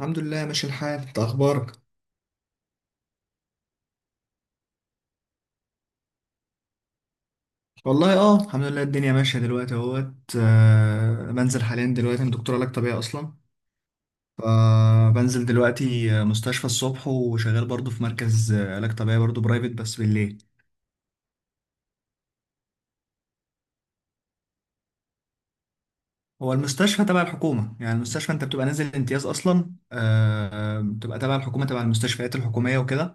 الحمد لله ماشي الحال، انت اخبارك؟ والله الحمد لله الدنيا ماشيه دلوقتي اهوت. بنزل حاليا دلوقتي، انا دكتور علاج طبيعي اصلا. فبنزل دلوقتي مستشفى الصبح، وشغال برضو في مركز علاج طبيعي برضو برايفت بس بالليل. هو المستشفى تبع الحكومه، يعني المستشفى انت بتبقى نازل امتياز اصلا، بتبقى تبع الحكومه، تبع المستشفيات الحكوميه وكده.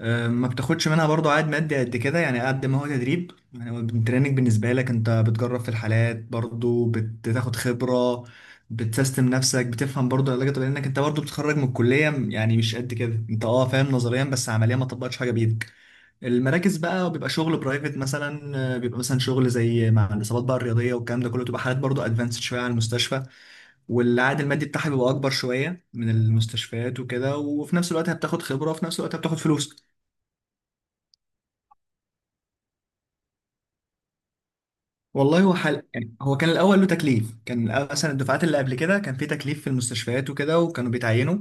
ما بتاخدش منها برضو عائد مادي قد كده، يعني قد ما هو تدريب. يعني هو التريننج بالنسبة لك، انت بتجرب في الحالات برضو، بتاخد خبرة، بتسيستم نفسك، بتفهم برضو العلاج الطبيعي، لانك انت برضو بتتخرج من الكلية يعني مش قد كده، انت فاهم نظريا بس عمليا ما طبقتش حاجة بإيدك. المراكز بقى بيبقى شغل برايفت مثلا، بيبقى مثلا شغل زي مع الاصابات بقى الرياضية والكلام ده كله، تبقى حالات برضو ادفانسد شوية عن المستشفى. والعائد المادي بتاعها بيبقى اكبر شوية من المستشفيات وكده، وفي نفس الوقت هبتاخد خبرة، وفي نفس الوقت هبتاخد فلوس. والله يعني هو كان الاول له تكليف، كان مثلا الدفعات اللي قبل كده كان في تكليف في المستشفيات وكده، وكانوا بيتعينوا،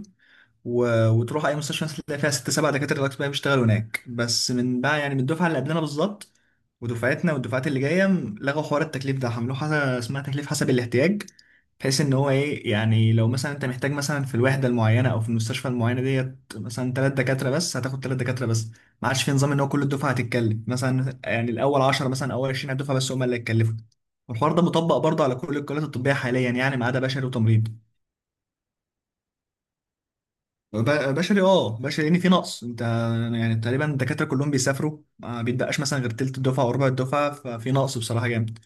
وتروح اي مستشفى مثلاً تلاقي فيها ست سبع دكاتره الاطباء بيشتغلوا هناك. بس من بقى، يعني من الدفعه اللي قبلنا بالظبط ودفعتنا والدفعات اللي جايه، لغوا حوار التكليف ده، عملوه حاجه اسمها تكليف حسب الاحتياج، بحيث ان هو ايه، يعني لو مثلا انت محتاج مثلا في الوحده المعينه او في المستشفى المعينه ديت مثلا ثلاث دكاتره بس، هتاخد ثلاث دكاتره بس. ما عادش في نظام ان هو كل الدفعه هتتكلم مثلا. يعني الاول 10 مثلا، اول 20 على الدفعه بس هم اللي هيتكلفوا. والحوار ده مطبق برضه على كل الكليات الطبيه حاليا، يعني ما عدا بشري وتمريض. بشري لان في نقص. انت يعني تقريبا الدكاتره كلهم بيسافروا، ما بيتبقاش مثلا غير تلت الدفعه او ربع الدفعه، ففي نقص بصراحه جامد.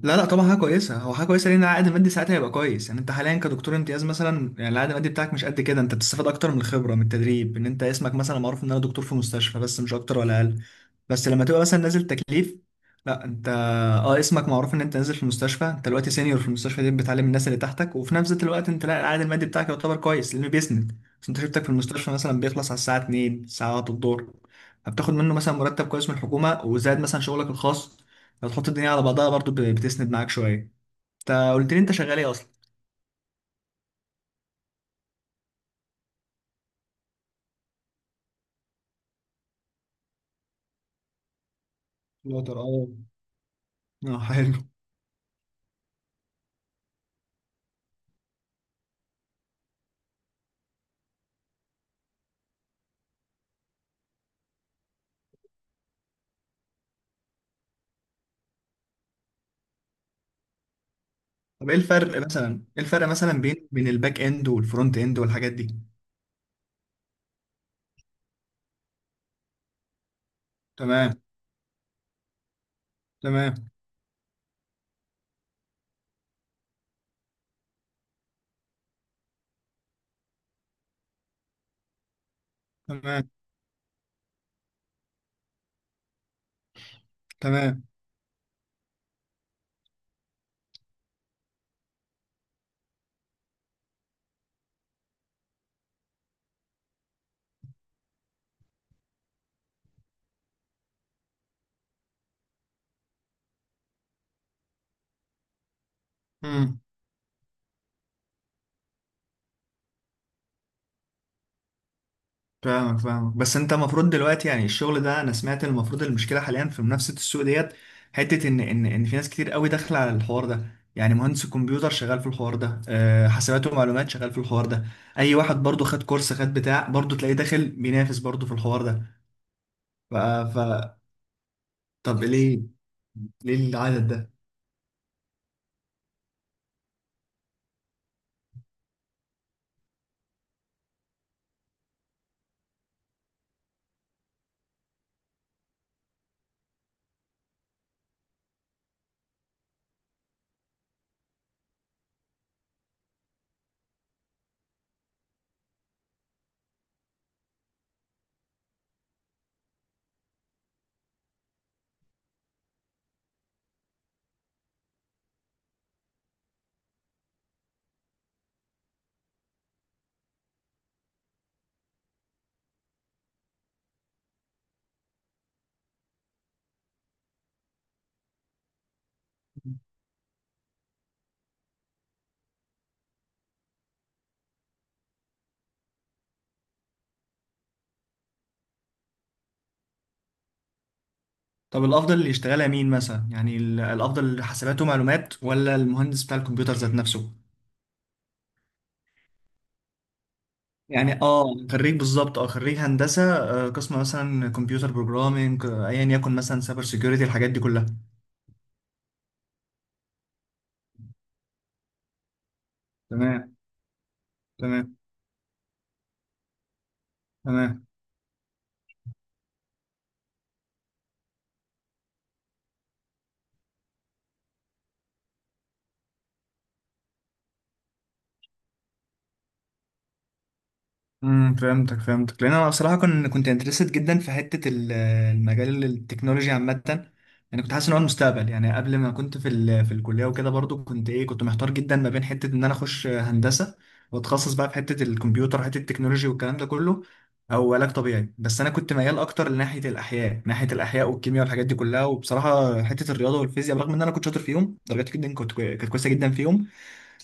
لا لا طبعا حاجه كويسه، هو حاجه كويسه، لان العائد المادي ساعتها هيبقى كويس. يعني انت حاليا كدكتور امتياز مثلا، يعني العائد المادي بتاعك مش قد كده، انت بتستفاد اكتر من الخبره من التدريب، ان انت اسمك مثلا معروف ان انا دكتور في مستشفى بس، مش اكتر ولا اقل. بس لما تبقى مثلا نازل تكليف، لا انت اه اسمك معروف ان انت نازل في المستشفى، انت دلوقتي سينيور في المستشفى دي، بتعلم الناس اللي تحتك، وفي نفس الوقت انت، لا، العائد المادي بتاعك يعتبر كويس، لانه بيسند. بس انت شفتك في المستشفى مثلا بيخلص على الساعه 2 الساعه 1 الظهر، فبتاخد منه مثلا مرتب كويس من الحكومه، وزائد مثلا شغلك الخاص، لو تحط الدنيا على بعضها برضو بتسند معاك شويه. انت قلت لي انت شغال ايه اصلا؟ فلاتر، اه حلو. طب ايه الفرق مثلا، ايه الفرق مثلا بين الباك اند والفرونت اند والحاجات دي؟ تمام. تمام. تمام. تمام. امم. فاهمك فاهمك، بس انت المفروض دلوقتي، يعني الشغل ده، انا سمعت المفروض المشكله حاليا في منافسه السوق ديت، حته ان في ناس كتير قوي داخله على الحوار ده. يعني مهندس الكمبيوتر شغال في الحوار ده، حسابات ومعلومات شغال في الحوار ده، اي واحد برضو خد كورس، خد بتاع برضو، تلاقيه داخل بينافس برضو في الحوار ده. ف... ف... طب ليه، العدد ده؟ طب الافضل اللي يشتغلها مين مثلا؟ يعني الافضل حسابات ومعلومات ولا المهندس بتاع الكمبيوتر ذات نفسه؟ يعني اه، خريج بالظبط، اه خريج هندسه، قسم مثلا كمبيوتر بروجرامينج، ايا يكن، مثلا سايبر سيكيورتي، الحاجات دي كلها. تمام. تمام. تمام. امم. فهمتك فهمتك، لان انا بصراحه كنت انترستد جدا في حته المجال التكنولوجي عامه. يعني كنت حاسس ان هو المستقبل. يعني قبل ما كنت في الكليه وكده، برضو كنت ايه، كنت محتار جدا ما بين حته ان انا اخش هندسه واتخصص بقى في حته الكمبيوتر، حته التكنولوجي والكلام ده كله، او علاج طبيعي. بس انا كنت ميال اكتر لناحيه الاحياء، ناحيه الاحياء والكيمياء والحاجات دي كلها. وبصراحه حته الرياضه والفيزياء، برغم ان انا كنت شاطر فيهم، درجاتي جدا كانت كويسه جدا فيهم،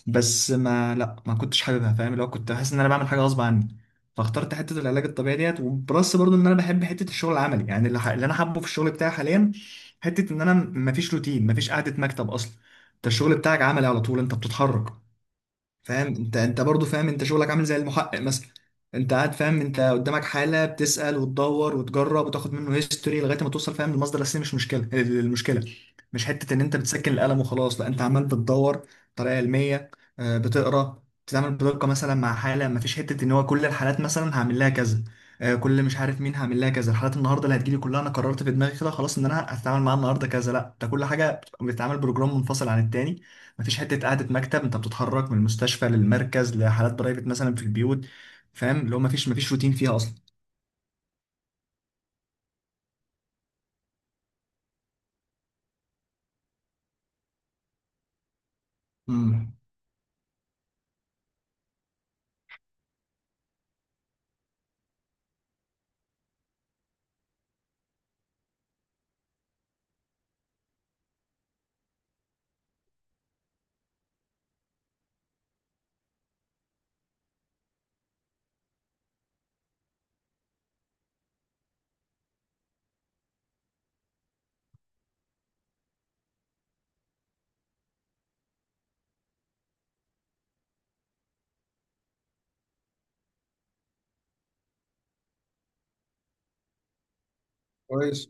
بس ما كنتش حاببها، فاهم، اللي هو كنت بحس ان انا بعمل حاجه غصب عني، فاخترت حته العلاج الطبيعي ديت، وبلس برضو ان انا بحب حته الشغل العملي، يعني اللي انا حابه في الشغل بتاعي حاليا، حته ان انا ما فيش روتين، ما فيش قعده مكتب اصلا. انت الشغل بتاعك عملي على طول، انت بتتحرك. فاهم انت برضو فاهم، انت شغلك عامل زي المحقق مثلا. انت قاعد فاهم، انت قدامك حالة بتسأل وتدور وتجرب وتاخد منه هيستوري لغاية ما توصل، فاهم، للمصدر الأساسي. مش مشكلة، المشكلة مش حتة ان انت بتسكن القلم وخلاص. لا، انت عمال بتدور بطريقة علمية، بتقرا، بتتعامل بدقة مثلا مع حالة. ما فيش حتة ان هو كل الحالات مثلا هعمل لها كذا، كل مش عارف مين هعمل لها كذا، الحالات النهارده اللي هتجيلي كلها انا قررت في دماغي كده خلاص ان انا هتعامل معاها النهارده كذا. لا، ده كل حاجة بتتعامل بروجرام منفصل عن التاني. مفيش حته قعده مكتب، انت بتتحرك من المستشفى للمركز لحالات برايفت مثلا في البيوت. فاهم، اللي هو مفيش روتين فيها اصلا. امم. كويس.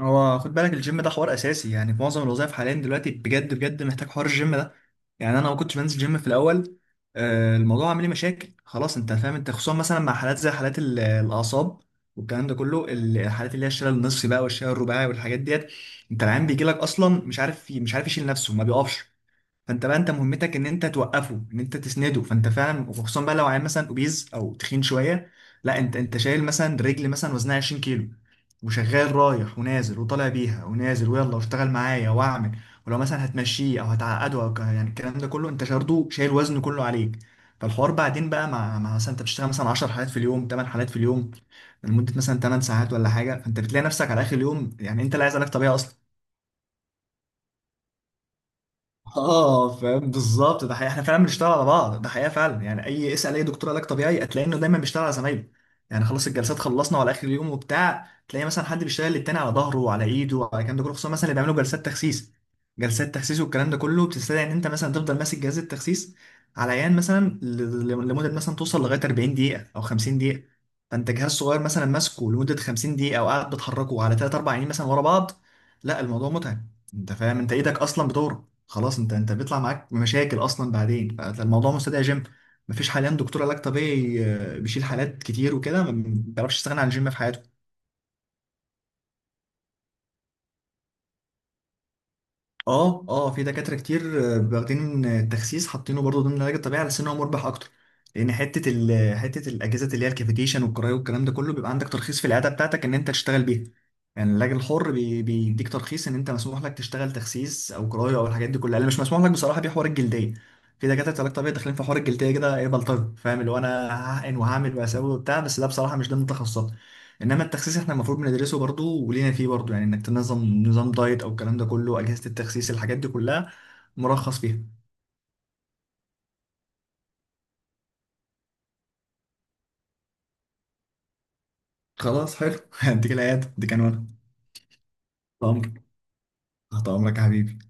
هو خد بالك، الجيم ده حوار اساسي، يعني في معظم الوظائف حاليا دلوقتي، بجد بجد، محتاج حوار الجيم ده. يعني انا ما كنتش بنزل جيم في الاول، الموضوع عامل لي مشاكل. خلاص، انت فاهم، انت خصوصا مثلا مع حالات زي حالات الاعصاب والكلام ده كله، الحالات اللي هي الشلل النصفي بقى والشلل الرباعي والحاجات ديت. انت العيان بيجي لك اصلا مش عارف، يشيل نفسه، ما بيقفش. فانت بقى، انت مهمتك ان انت توقفه، ان انت تسنده، فانت فعلا، وخصوصا بقى لو عيل مثلا اوبيز او تخين شويه، لا، انت شايل مثلا رجل مثلا وزنها 20 كيلو، وشغال رايح ونازل وطالع بيها ونازل، ويلا واشتغل معايا واعمل. ولو مثلا هتمشيه او هتعقده او يعني الكلام ده كله انت برضه شايل وزنه كله عليك. فالحوار بعدين بقى مع مع مثلا انت بتشتغل مثلا 10 حالات في اليوم، 8 حالات في اليوم، لمده مثلا 8 ساعات ولا حاجه، فانت بتلاقي نفسك على اخر اليوم، يعني انت لا، عايز لك طبيعي اصلا. اه فاهم بالظبط، ده حقيقة احنا فعلا بنشتغل على بعض، ده حقيقة فعلا. يعني اي، اسأل اي دكتور علاج طبيعي هتلاقي انه دايما بيشتغل على زمايله. يعني خلاص الجلسات خلصنا، وعلى اخر اليوم وبتاع، تلاقي مثلا حد بيشتغل للتاني على ظهره وعلى ايده وعلى الكلام ده كله. خصوصا مثلا اللي بيعملوا جلسات تخسيس، جلسات تخسيس والكلام ده كله، بتستدعي ان انت مثلا تفضل ماسك جهاز التخسيس على عيان مثلا لمدة مثلا توصل لغاية 40 دقيقة او 50 دقيقة. فانت جهاز صغير مثلا ماسكه لمدة 50 دقيقة، او قاعد بتحركه على 3 4 عيانين مثلا ورا بعض. لا الموضوع متعب، انت فاهم، انت ايدك اصلا خلاص، انت بيطلع معاك مشاكل اصلا بعدين، فالموضوع مستدعي جيم. مفيش حاليا دكتور علاج طبيعي بيشيل حالات كتير وكده ما بيعرفش يستغنى عن الجيم في حياته. اه اه في دكاتره كتير واخدين التخسيس حاطينه برضه ضمن العلاج الطبيعي على سن هو مربح اكتر. لان حته الاجهزه اللي هي الكافيتيشن والكرايو والكلام ده كله، بيبقى عندك ترخيص في العياده بتاعتك ان انت تشتغل بيها. يعني العلاج الحر بيديك ترخيص ان انت مسموح لك تشتغل تخسيس او كرايه او الحاجات دي كلها، اللي مش مسموح لك بصراحه دي حوار الجلديه. في دكاتره علاج طبيعي داخلين في حوار الجلديه، كده ايه، بلطجه، فاهم، اللي هو انا هحقن وهعمل وهسوي وبتاع، بس ده بصراحه مش ضمن تخصصات. انما التخسيس احنا المفروض بندرسه برضو ولينا فيه برضو، يعني انك تنظم نظام دايت او الكلام ده كله، اجهزه التخسيس الحاجات دي كلها مرخص فيها. خلاص حلو هديك العيادة دي كان وانا. تأمر. تحت امرك يا حبيبي.